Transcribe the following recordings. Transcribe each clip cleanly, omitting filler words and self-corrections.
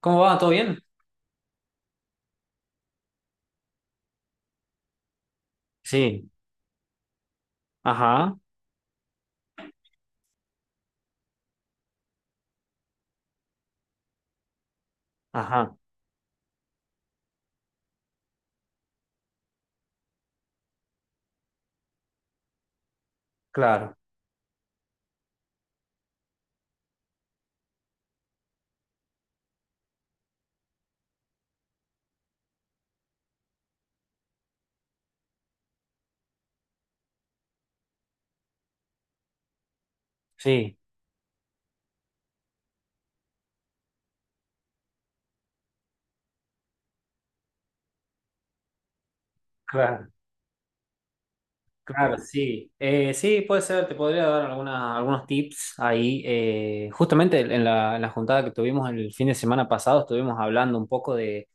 ¿Cómo va? ¿Todo bien? Sí, ajá, ajá, claro, sí, claro, claro, sí. Sí, puede ser, te podría dar algunos tips ahí. Justamente en la juntada que tuvimos el fin de semana pasado estuvimos hablando un poco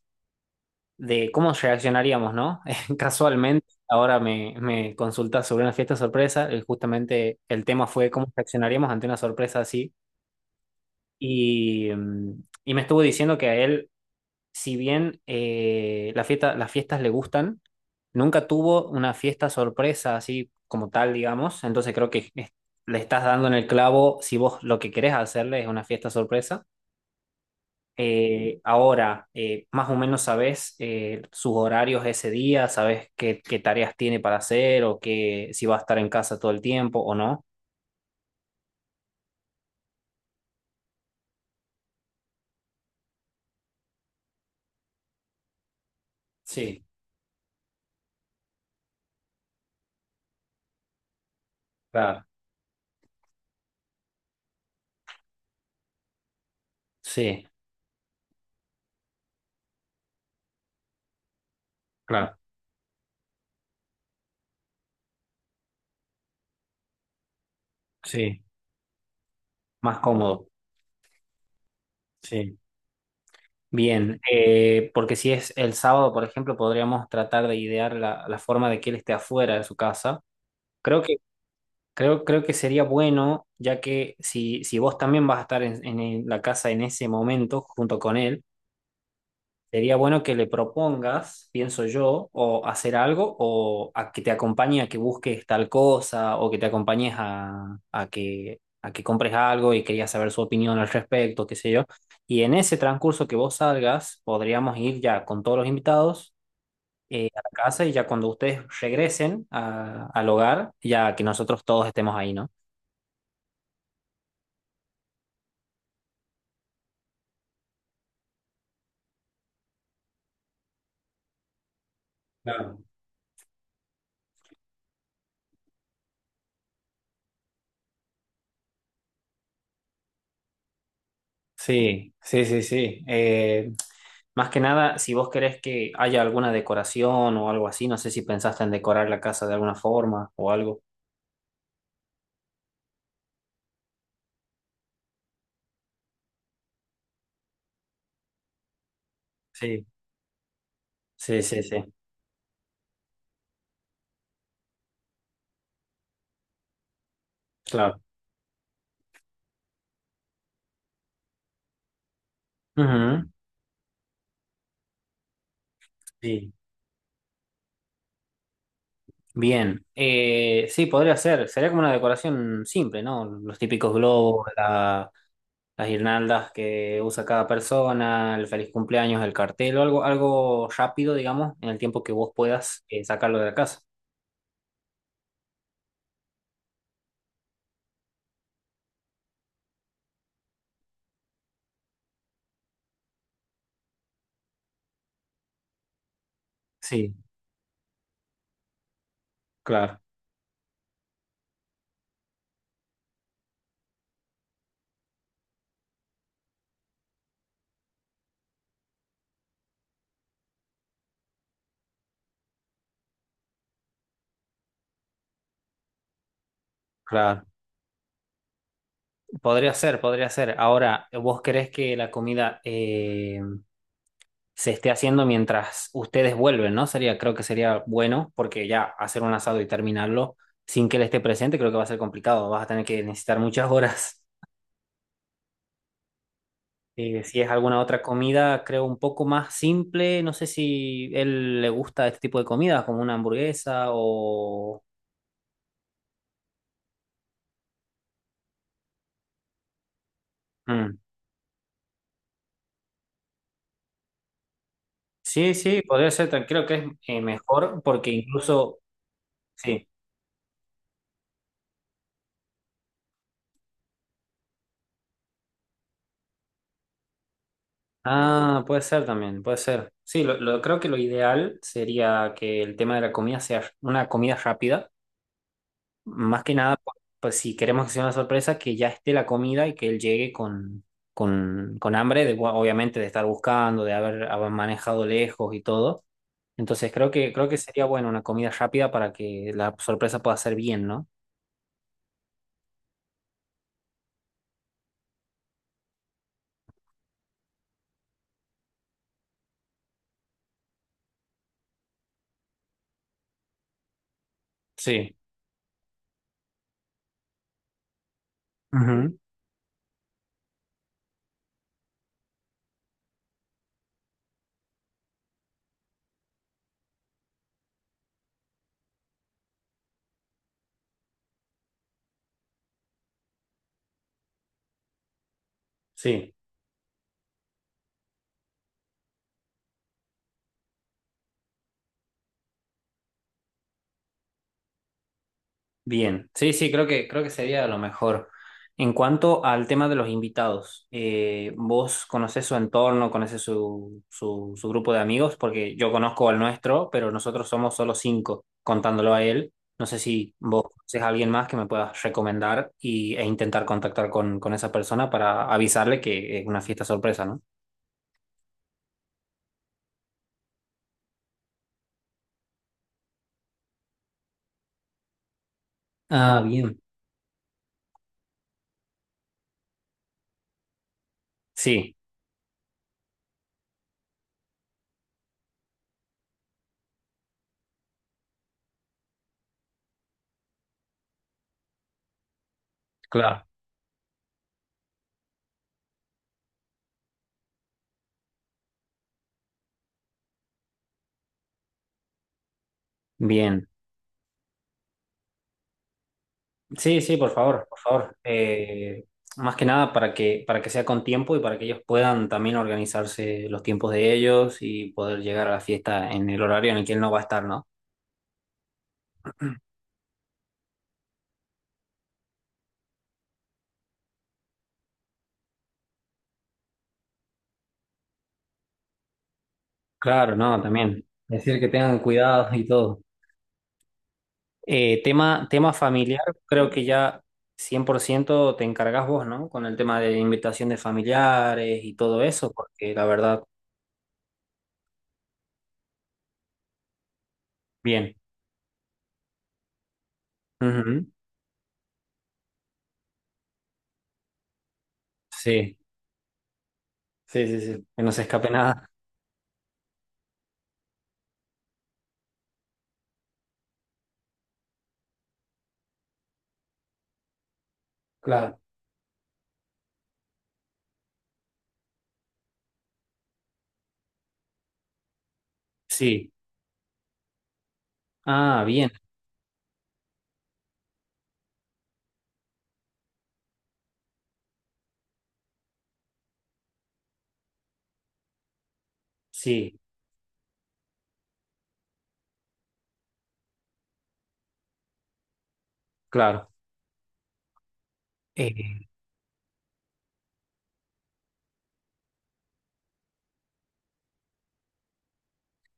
de cómo reaccionaríamos, ¿no? Casualmente, ahora me consultas sobre una fiesta sorpresa, justamente el tema fue cómo reaccionaríamos ante una sorpresa así. Y me estuvo diciendo que a él, si bien las fiestas le gustan, nunca tuvo una fiesta sorpresa así como tal, digamos. Entonces creo que le estás dando en el clavo si vos lo que querés hacerle es una fiesta sorpresa. Ahora, más o menos sabés sus horarios ese día, sabés qué tareas tiene para hacer o qué, si va a estar en casa todo el tiempo o no. Sí, claro. Sí, claro, sí, más cómodo. Sí. Bien, porque si es el sábado, por ejemplo, podríamos tratar de idear la forma de que él esté afuera de su casa. Creo que, Creo que sería bueno, ya que si vos también vas a estar en la casa en ese momento junto con él. Sería bueno que le propongas, pienso yo, o hacer algo, o a que te acompañe a que busques tal cosa, o que te acompañes a que compres algo y querías saber su opinión al respecto, qué sé yo. Y en ese transcurso que vos salgas, podríamos ir ya con todos los invitados a la casa y ya cuando ustedes regresen al hogar, ya que nosotros todos estemos ahí, ¿no? Claro. Sí, sí, sí, sí. Más que nada, si vos querés que haya alguna decoración o algo así, no sé si pensaste en decorar la casa de alguna forma o algo. Sí, sí, sí, sí, claro. Ujú. Sí, bien. Sí, podría ser. Sería como una decoración simple, ¿no? Los típicos globos, las guirnaldas que usa cada persona, el feliz cumpleaños, el cartel, o algo, algo rápido, digamos, en el tiempo que vos puedas sacarlo de la casa. Sí, claro, claro. Podría ser, podría ser. Ahora, ¿vos crees que la comida, se esté haciendo mientras ustedes vuelven, ¿no? Creo que sería bueno, porque ya hacer un asado y terminarlo sin que él esté presente, creo que va a ser complicado. Vas a tener que necesitar muchas horas. Si es alguna otra comida, creo, un poco más simple. No sé si él le gusta este tipo de comida, como una hamburguesa o... Mm. Sí, sí, podría ser, creo que es mejor porque incluso... Sí. Ah, puede ser también, puede ser. Sí, creo que lo ideal sería que el tema de la comida sea una comida rápida, más que nada, pues si queremos que sea una sorpresa, que ya esté la comida y que él llegue con hambre, obviamente de estar buscando, de haber manejado lejos y todo. Entonces creo que sería bueno una comida rápida para que la sorpresa pueda ser bien, ¿no? Sí. Ujú. Sí. Bien, sí, sí, creo que sería lo mejor. En cuanto al tema de los invitados, ¿vos conocés su entorno, conocés su grupo de amigos? Porque yo conozco al nuestro, pero nosotros somos solo cinco, contándolo a él. No sé si vos conocés a alguien más que me puedas recomendar e intentar contactar con esa persona para avisarle que es una fiesta sorpresa, ¿no? Ah, bien. Sí, claro. Bien. Sí, sí, por favor, por favor. Más que nada para que, para que sea con tiempo y para que ellos puedan también organizarse los tiempos de ellos y poder llegar a la fiesta en el horario en el que él no va a estar, ¿no? Claro, no, también. Decir que tengan cuidado y todo. Tema familiar, creo que ya 100% te encargas vos, ¿no? Con el tema de invitación de familiares y todo eso, porque la verdad, bien. Ujú. Sí, sí, sí, sí. Que no se escape nada. Claro. Sí. Ah, bien. Sí, claro. Eh,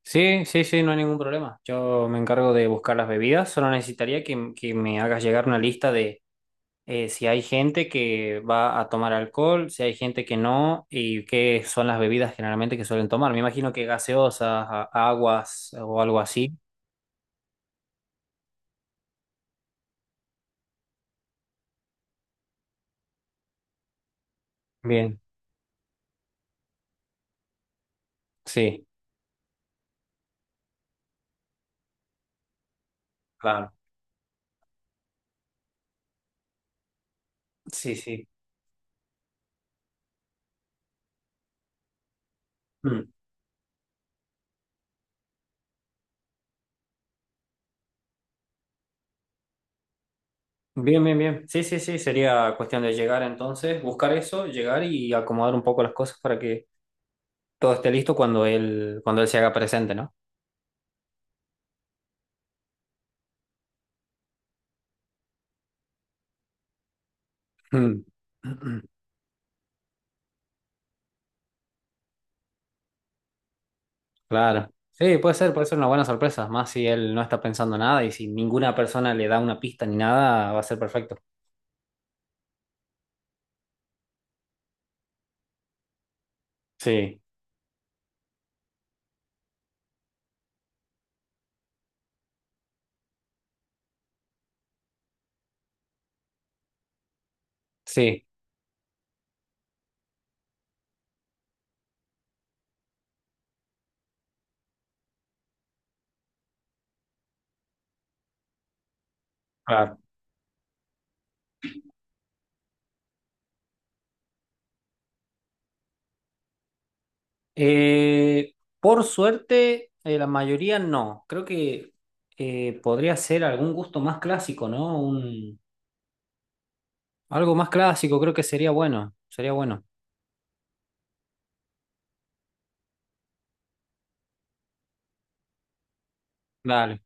sí, sí, sí, no hay ningún problema. Yo me encargo de buscar las bebidas. Solo necesitaría que me hagas llegar una lista de si hay gente que va a tomar alcohol, si hay gente que no, y qué son las bebidas generalmente que suelen tomar. Me imagino que gaseosas, aguas o algo así. Bien, sí, claro. Sí, sí. Mm. Bien, bien, bien. Sí, sí, sí. Sería cuestión de llegar entonces, buscar eso, llegar y acomodar un poco las cosas para que todo esté listo cuando él se haga presente, ¿no? Mm. Claro. Sí, puede ser una buena sorpresa, más si él no está pensando nada y si ninguna persona le da una pista ni nada, va a ser perfecto. Sí, sí, claro. Por suerte, la mayoría no. Creo que podría ser algún gusto más clásico, ¿no? Algo más clásico, creo que sería bueno, sería bueno. Dale,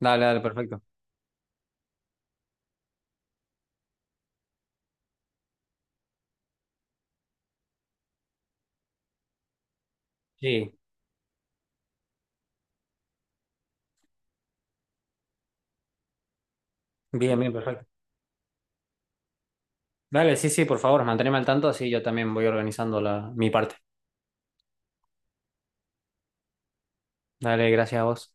dale, dale, perfecto. Sí, bien, bien, perfecto. Dale, sí, sí, por favor, manteneme al tanto, así yo también voy organizando mi parte. Dale, gracias a vos.